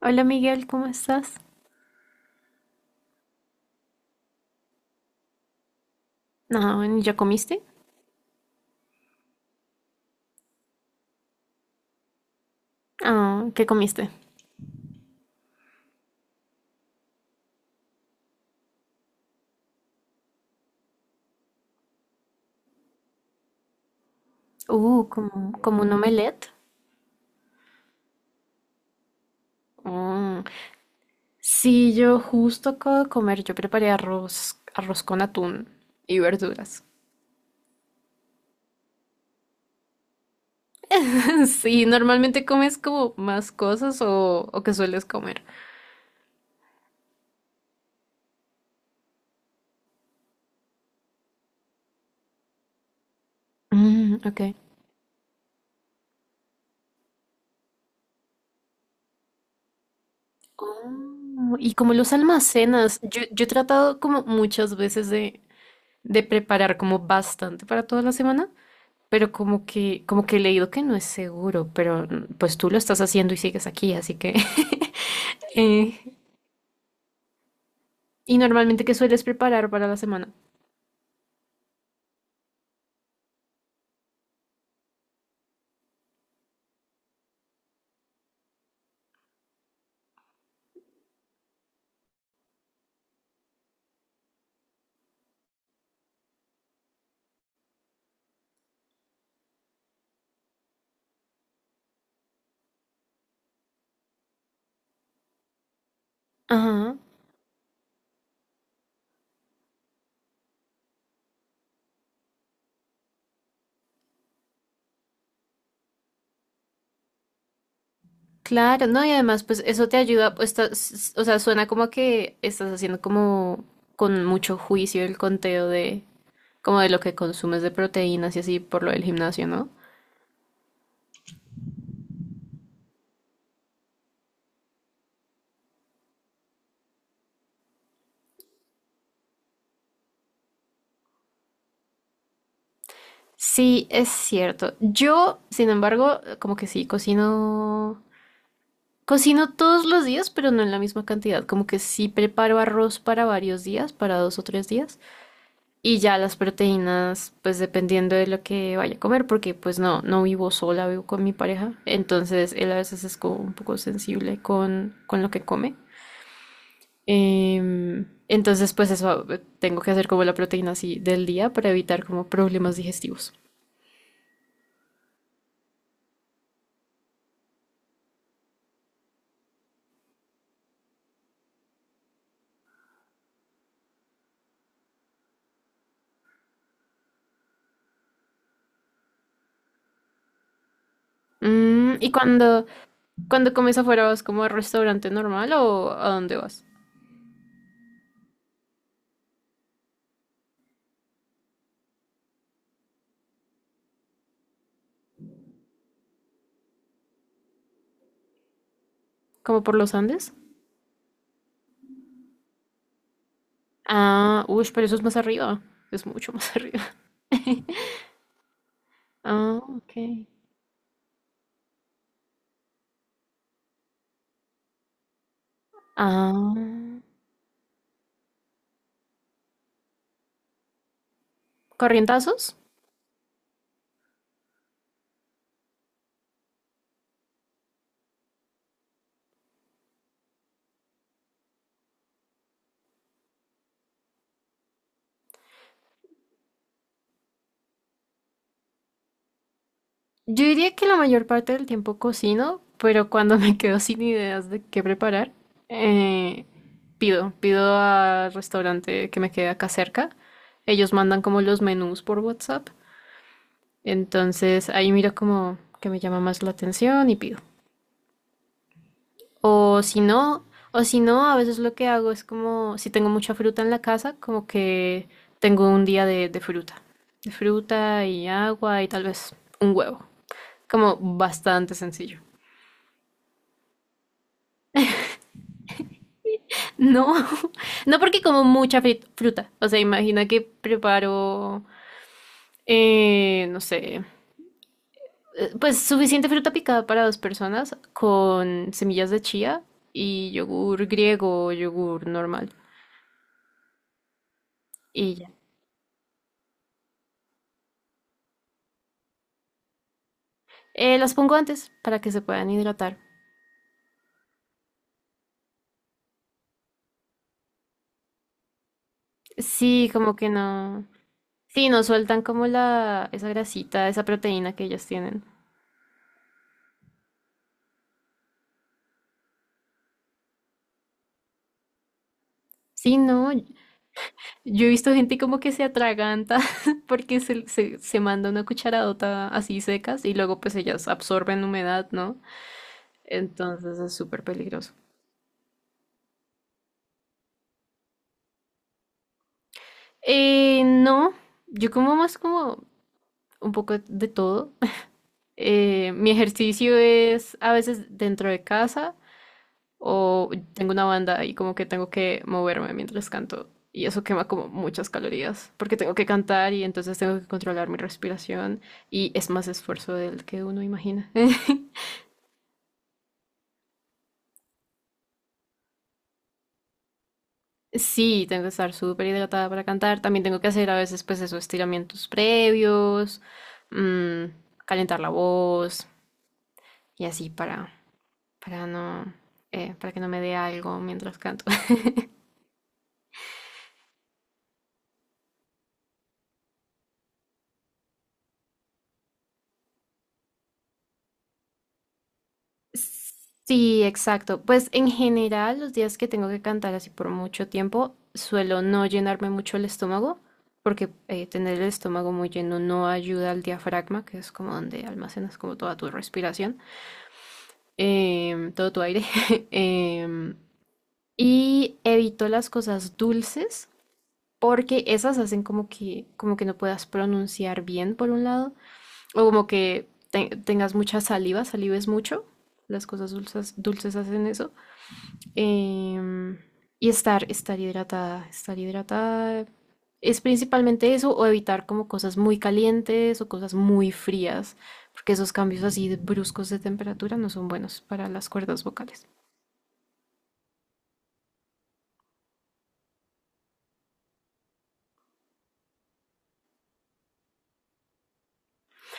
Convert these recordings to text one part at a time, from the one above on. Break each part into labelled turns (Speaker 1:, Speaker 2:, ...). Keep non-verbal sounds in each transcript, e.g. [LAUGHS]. Speaker 1: Hola Miguel, ¿cómo estás? No, ¿ya comiste? Ah, ¿qué comiste? Como un omelette. Mm. Sí, yo justo acabo de comer, yo preparé arroz con atún y verduras. [LAUGHS] Sí, normalmente comes como más cosas o qué sueles comer. Mm, ok. Oh, y como los almacenas, yo he tratado como muchas veces de preparar como bastante para toda la semana. Pero como que he leído que no es seguro, pero pues tú lo estás haciendo y sigues aquí, así que [LAUGHS] eh, y normalmente, ¿qué sueles preparar para la semana? Ajá, claro, no, y además, pues eso te ayuda, pues, o sea, suena como que estás haciendo como con mucho juicio el conteo de, como de lo que consumes de proteínas y así por lo del gimnasio, ¿no? Sí, es cierto. Yo, sin embargo, como que sí, cocino. Cocino todos los días, pero no en la misma cantidad. Como que sí preparo arroz para varios días, para 2 o 3 días. Y ya las proteínas, pues dependiendo de lo que vaya a comer, porque pues no vivo sola, vivo con mi pareja. Entonces él a veces es como un poco sensible con lo que come. Entonces pues eso, tengo que hacer como la proteína así del día para evitar como problemas digestivos. Mm, ¿y cuando, cuando comes afuera vas como al restaurante normal o a dónde vas? ¿Como por los Andes? Ah, uy, pero eso es más arriba. Es mucho más [LAUGHS] arriba. Ah, ok. Ah, ¿corrientazos? Yo diría que la mayor parte del tiempo cocino, pero cuando [LAUGHS] me quedo sin ideas de qué preparar, eh, pido al restaurante que me quede acá cerca. Ellos mandan como los menús por WhatsApp. Entonces ahí miro como que me llama más la atención y pido. O si no, o si no, a veces lo que hago es como, si tengo mucha fruta en la casa, como que tengo un día de fruta. De fruta y agua y tal vez un huevo. Como bastante sencillo. No, [LAUGHS] no porque como mucha fruta. O sea, imagina que preparo, no sé, pues suficiente fruta picada para dos personas con semillas de chía y yogur griego o yogur normal. Y ya. Las pongo antes para que se puedan hidratar. Sí, como que no. Sí, no sueltan como la, esa grasita, esa proteína que ellos tienen. Sí, no. Yo he visto gente como que se atraganta [LAUGHS] porque se manda una cucharadota así secas y luego pues ellas absorben humedad, ¿no? Entonces es súper peligroso. No, yo como más como un poco de todo. [LAUGHS] Mi ejercicio es a veces dentro de casa. O tengo una banda y como que tengo que moverme mientras canto. Y eso quema como muchas calorías, porque tengo que cantar y entonces tengo que controlar mi respiración y es más esfuerzo del que uno imagina. [LAUGHS] Sí, tengo que estar súper hidratada para cantar. También tengo que hacer a veces pues esos estiramientos previos, mm, calentar la voz y así para no, para que no me dé algo mientras canto. Sí, exacto. Pues en general, los días que tengo que cantar así por mucho tiempo, suelo no llenarme mucho el estómago, porque tener el estómago muy lleno no ayuda al diafragma, que es como donde almacenas como toda tu respiración, todo tu aire. [LAUGHS] em, y evito las cosas dulces, porque esas hacen como que no puedas pronunciar bien, por un lado, o como que tengas mucha saliva, salives mucho. Las cosas dulces, dulces hacen eso, em, y estar hidratada, estar hidratada es principalmente eso, o evitar como cosas muy calientes o cosas muy frías, porque esos cambios así de bruscos de temperatura no son buenos para las cuerdas vocales.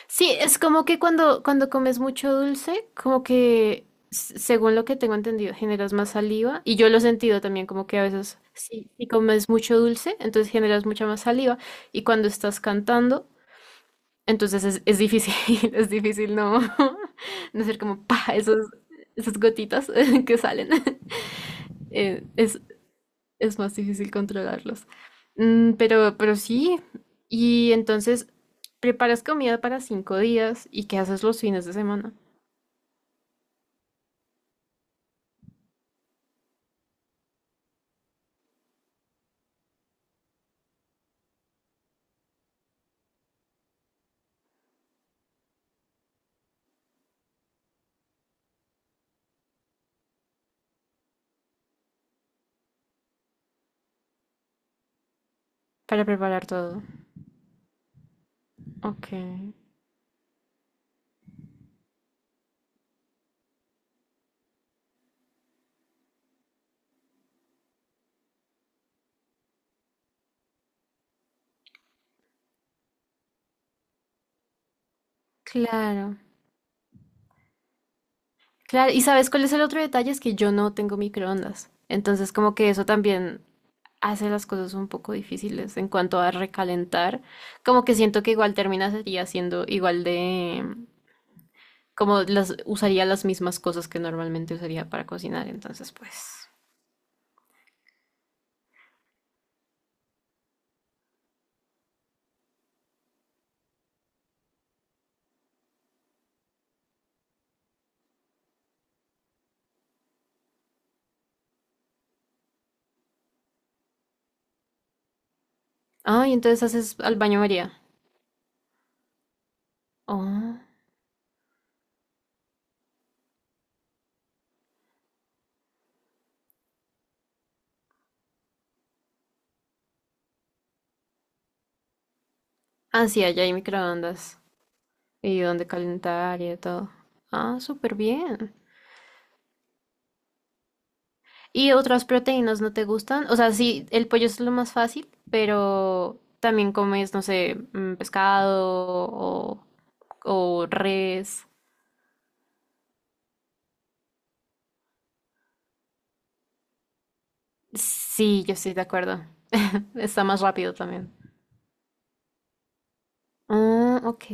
Speaker 1: Sí, es como que cuando, cuando comes mucho dulce, como según lo que tengo entendido, generas más saliva, y yo lo he sentido también como que a veces. Si, si comes mucho dulce, entonces generas mucha más saliva, y cuando estás cantando, entonces es difícil, [LAUGHS] es difícil no, [LAUGHS] no ser como pa, esos, esas gotitas [LAUGHS] que salen. [LAUGHS] Eh, es, es más difícil controlarlos. Mm, pero sí, y entonces preparas comida para 5 días, y qué haces los fines de semana para preparar todo. Ok, claro, claro. ¿Y sabes cuál es el otro detalle? Es que yo no tengo microondas. Entonces como que eso también hace las cosas un poco difíciles en cuanto a recalentar. Como que siento que igual termina sería siendo igual de, como las usaría las mismas cosas que normalmente usaría para cocinar, entonces pues. Ah, y entonces haces al baño María. Oh. Ah, sí, allá hay microondas y donde calentar y de todo. Ah, súper bien. ¿Y otras proteínas no te gustan? O sea, sí, el pollo es lo más fácil, pero también comes, no sé, pescado o, o res. Sí, yo estoy de acuerdo. Está más rápido también. Ah, ok.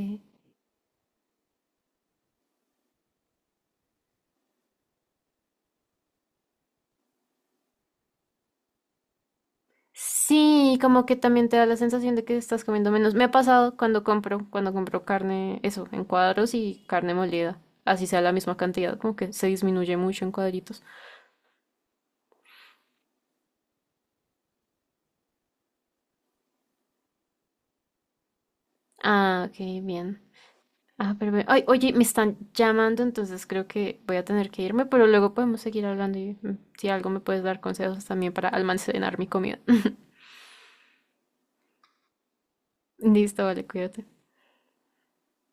Speaker 1: Sí, como que también te da la sensación de que estás comiendo menos. Me ha pasado cuando compro carne, eso, en cuadros y carne molida. Así sea la misma cantidad, como que se disminuye mucho en cuadritos. Ah, ok, bien. Ah, pero, ay, oye, me están llamando, entonces creo que voy a tener que irme, pero luego podemos seguir hablando y si algo me puedes dar consejos también para almacenar mi comida. [LAUGHS] Listo, vale, cuídate.